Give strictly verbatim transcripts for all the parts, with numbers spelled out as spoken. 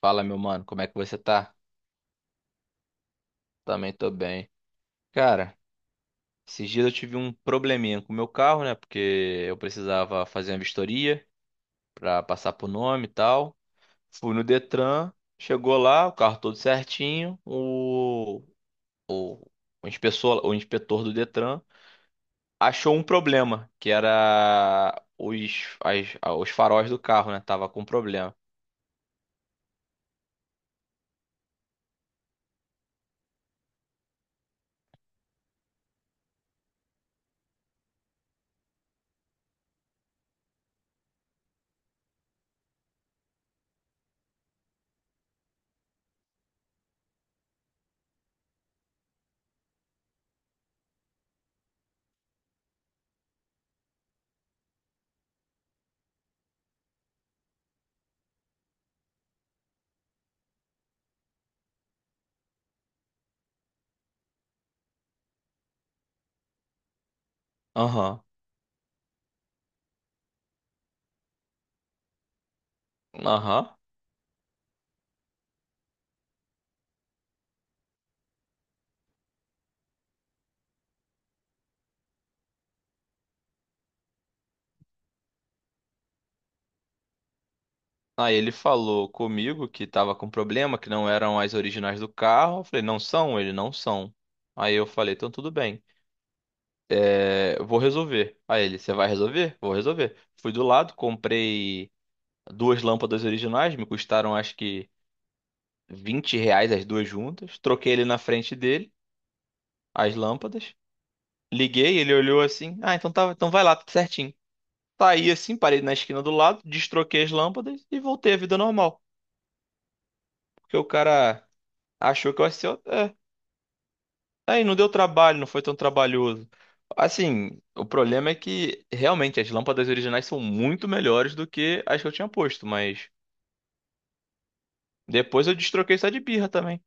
Fala, meu mano, como é que você tá? Também tô bem. Cara, esses dias eu tive um probleminha com o meu carro, né? Porque eu precisava fazer uma vistoria pra passar por nome e tal. Fui no Detran, chegou lá, o carro todo certinho. O, o, o inspetor, o inspetor do Detran achou um problema, que era os, as- os faróis do carro, né? Tava com problema. Aham, aham. Aí ele falou comigo que tava com problema, que não eram as originais do carro. Eu falei, não são? Ele, não são. Aí eu falei, então tudo bem. É, eu vou resolver. Aí ele, você vai resolver? Vou resolver. Fui do lado, comprei duas lâmpadas originais, me custaram acho que vinte reais as duas juntas. Troquei ele na frente dele, as lâmpadas. Liguei, ele olhou assim, ah, então tá, então vai lá, tudo certinho. Saí assim, parei na esquina do lado, destroquei as lâmpadas e voltei à vida normal. Porque o cara achou que eu ia ser. é, Aí não deu trabalho, não foi tão trabalhoso. Assim, o problema é que realmente as lâmpadas originais são muito melhores do que as que eu tinha posto, mas depois eu destroquei só de birra também.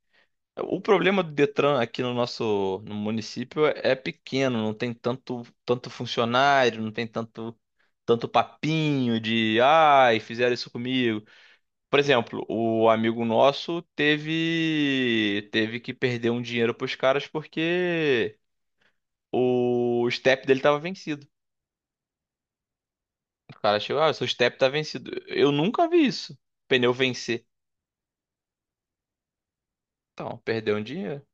O problema do Detran aqui no nosso no município é é pequeno, não tem tanto tanto funcionário, não tem tanto tanto papinho de ai, fizeram isso comigo. Por exemplo, o amigo nosso teve teve que perder um dinheiro pros caras porque o step dele tava vencido. O cara chegou, ah, seu step tá vencido. Eu nunca vi isso. Pneu vencer. Então, perdeu um dinheiro.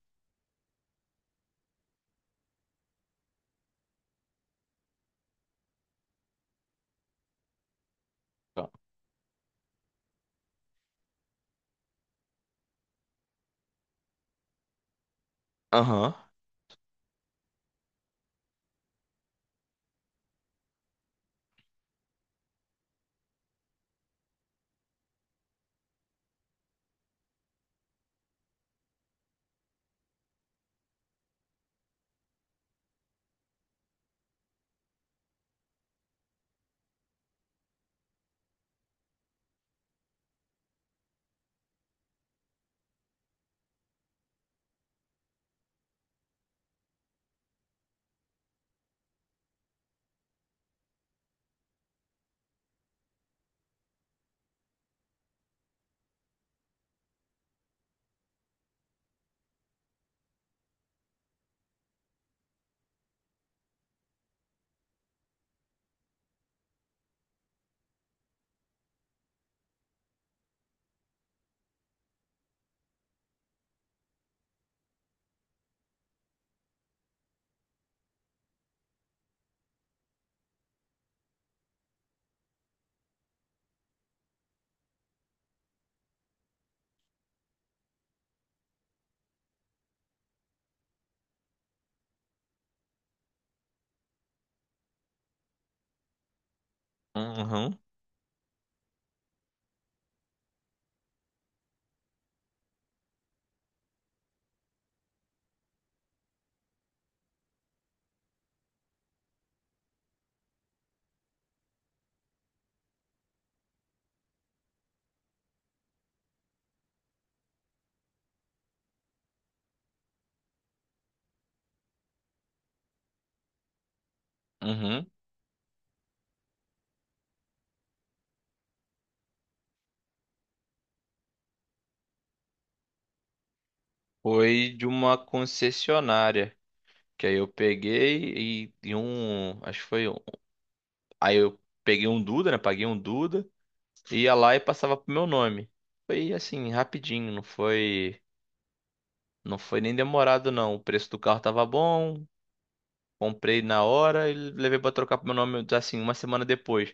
Então, aham, aham, aham. Foi de uma concessionária. Que aí eu peguei e, e um. Acho que foi um. Aí eu peguei um Duda, né? Paguei um Duda. Ia lá e passava pro meu nome. Foi assim, rapidinho. Não foi. Não foi nem demorado, não. O preço do carro tava bom. Comprei na hora e levei pra trocar pro meu nome assim uma semana depois.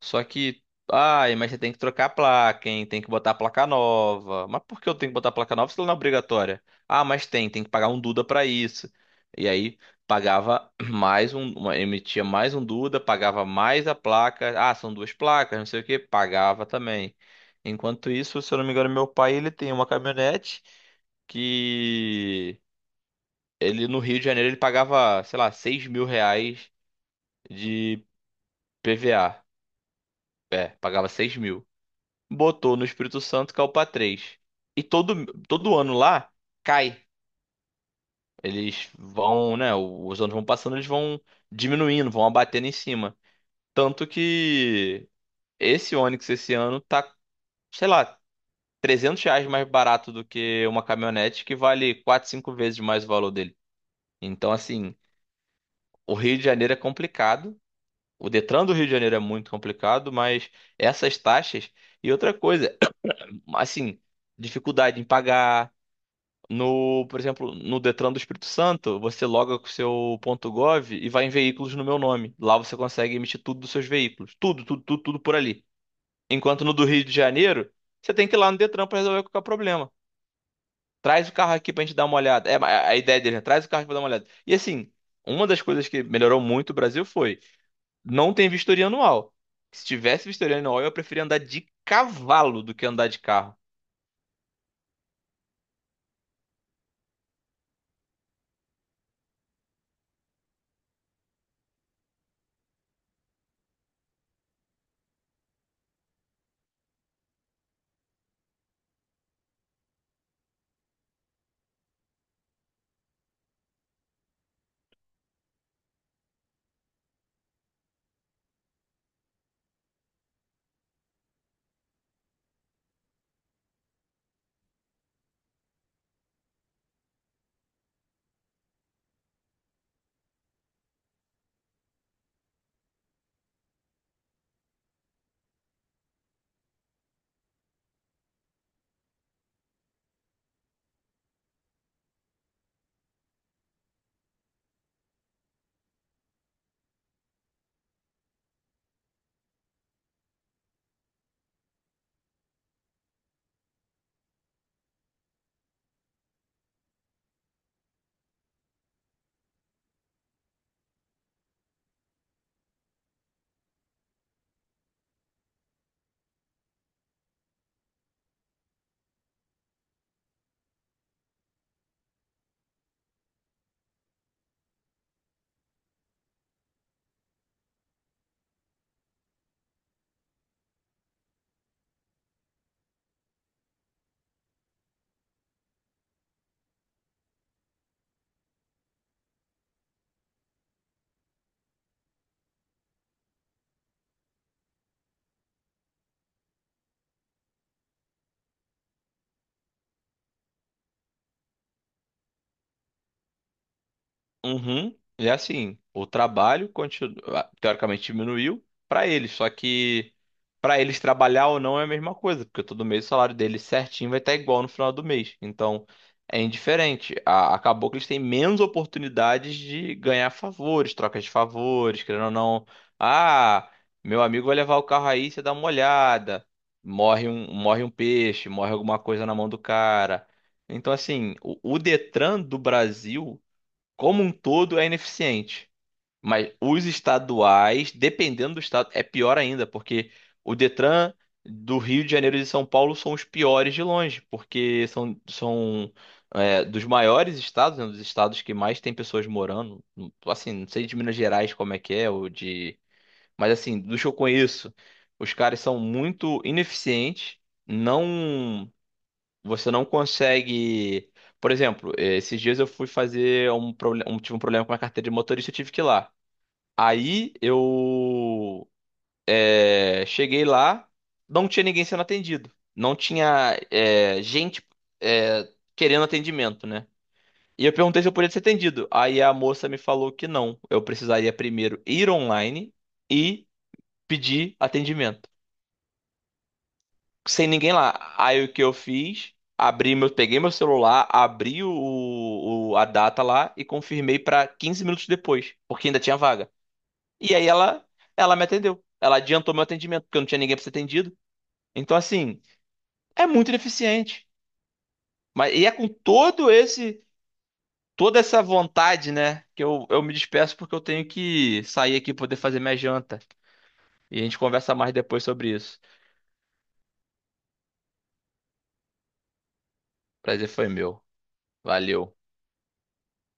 Só que, ai, mas você tem que trocar a placa, hein? Tem que botar a placa nova. Mas por que eu tenho que botar a placa nova se ela não é obrigatória? Ah, mas tem, tem que pagar um Duda pra isso. E aí pagava mais um, uma- emitia mais um Duda, pagava mais a placa. Ah, são duas placas, não sei o que, pagava também. Enquanto isso, se eu não me engano, meu pai ele tem uma caminhonete que ele no Rio de Janeiro ele pagava, sei lá, seis mil reais de P V A. É, pagava seis mil. Botou no Espírito Santo, caiu pra três. E todo, todo ano lá cai. Eles vão, né? Os anos vão passando, eles vão diminuindo, vão abatendo em cima. Tanto que esse Onix esse ano tá, sei lá, trezentos reais mais barato do que uma caminhonete que vale quatro, cinco vezes mais o valor dele. Então, assim, o Rio de Janeiro é complicado. O Detran do Rio de Janeiro é muito complicado, mas essas taxas e outra coisa, assim, dificuldade em pagar no, por exemplo, no Detran do Espírito Santo, você loga com o seu ponto .gov e vai em veículos no meu nome. Lá você consegue emitir tudo dos seus veículos, tudo, tudo, tudo, tudo por ali. Enquanto no do Rio de Janeiro, você tem que ir lá no Detran para resolver qualquer problema. Traz o carro aqui pra gente dar uma olhada. É a a ideia dele, né? Traz o carro aqui pra dar uma olhada. E assim, uma das coisas que melhorou muito o Brasil foi não tem vistoria anual. Se tivesse vistoria anual, eu preferia andar de cavalo do que andar de carro. Uhum. E assim, o trabalho continua, teoricamente diminuiu para eles, só que para eles trabalhar ou não é a mesma coisa, porque todo mês o salário deles certinho vai estar igual no final do mês. Então, é indiferente. A- Acabou que eles têm menos oportunidades de ganhar favores, trocas de favores, querendo ou não. Ah, meu amigo vai levar o carro aí, você dá uma olhada. Morre um, morre um peixe, morre alguma coisa na mão do cara. Então, assim, o o Detran do Brasil como um todo é ineficiente. Mas os estaduais, dependendo do estado, é pior ainda, porque o Detran do Rio de Janeiro e de São Paulo são os piores de longe, porque são, são é, dos maiores estados, né, dos estados que mais tem pessoas morando. Assim, não sei de Minas Gerais como é que é, ou de. Mas assim, dos que eu conheço, os caras são muito ineficientes, não. Você não consegue. Por exemplo, eh, esses dias eu fui fazer um, proble- um- tive um problema com a carteira de motorista, eu tive que ir lá. Aí eu eh, cheguei lá, não tinha ninguém sendo atendido. Não tinha eh, gente eh, querendo atendimento, né? E eu perguntei se eu podia ser atendido. Aí a moça me falou que não. Eu precisaria primeiro ir online e pedir atendimento. Sem ninguém lá. Aí o que eu fiz? Abri meu, peguei meu celular, abri o, o- a data lá e confirmei pra quinze minutos depois, porque ainda tinha vaga. E aí ela ela me atendeu. Ela adiantou meu atendimento, porque eu não tinha ninguém pra ser atendido. Então assim, é muito ineficiente. Mas e é com todo esse toda essa vontade, né, que eu, eu me despeço porque eu tenho que sair aqui poder fazer minha janta. E a gente conversa mais depois sobre isso. Prazer foi meu. Valeu.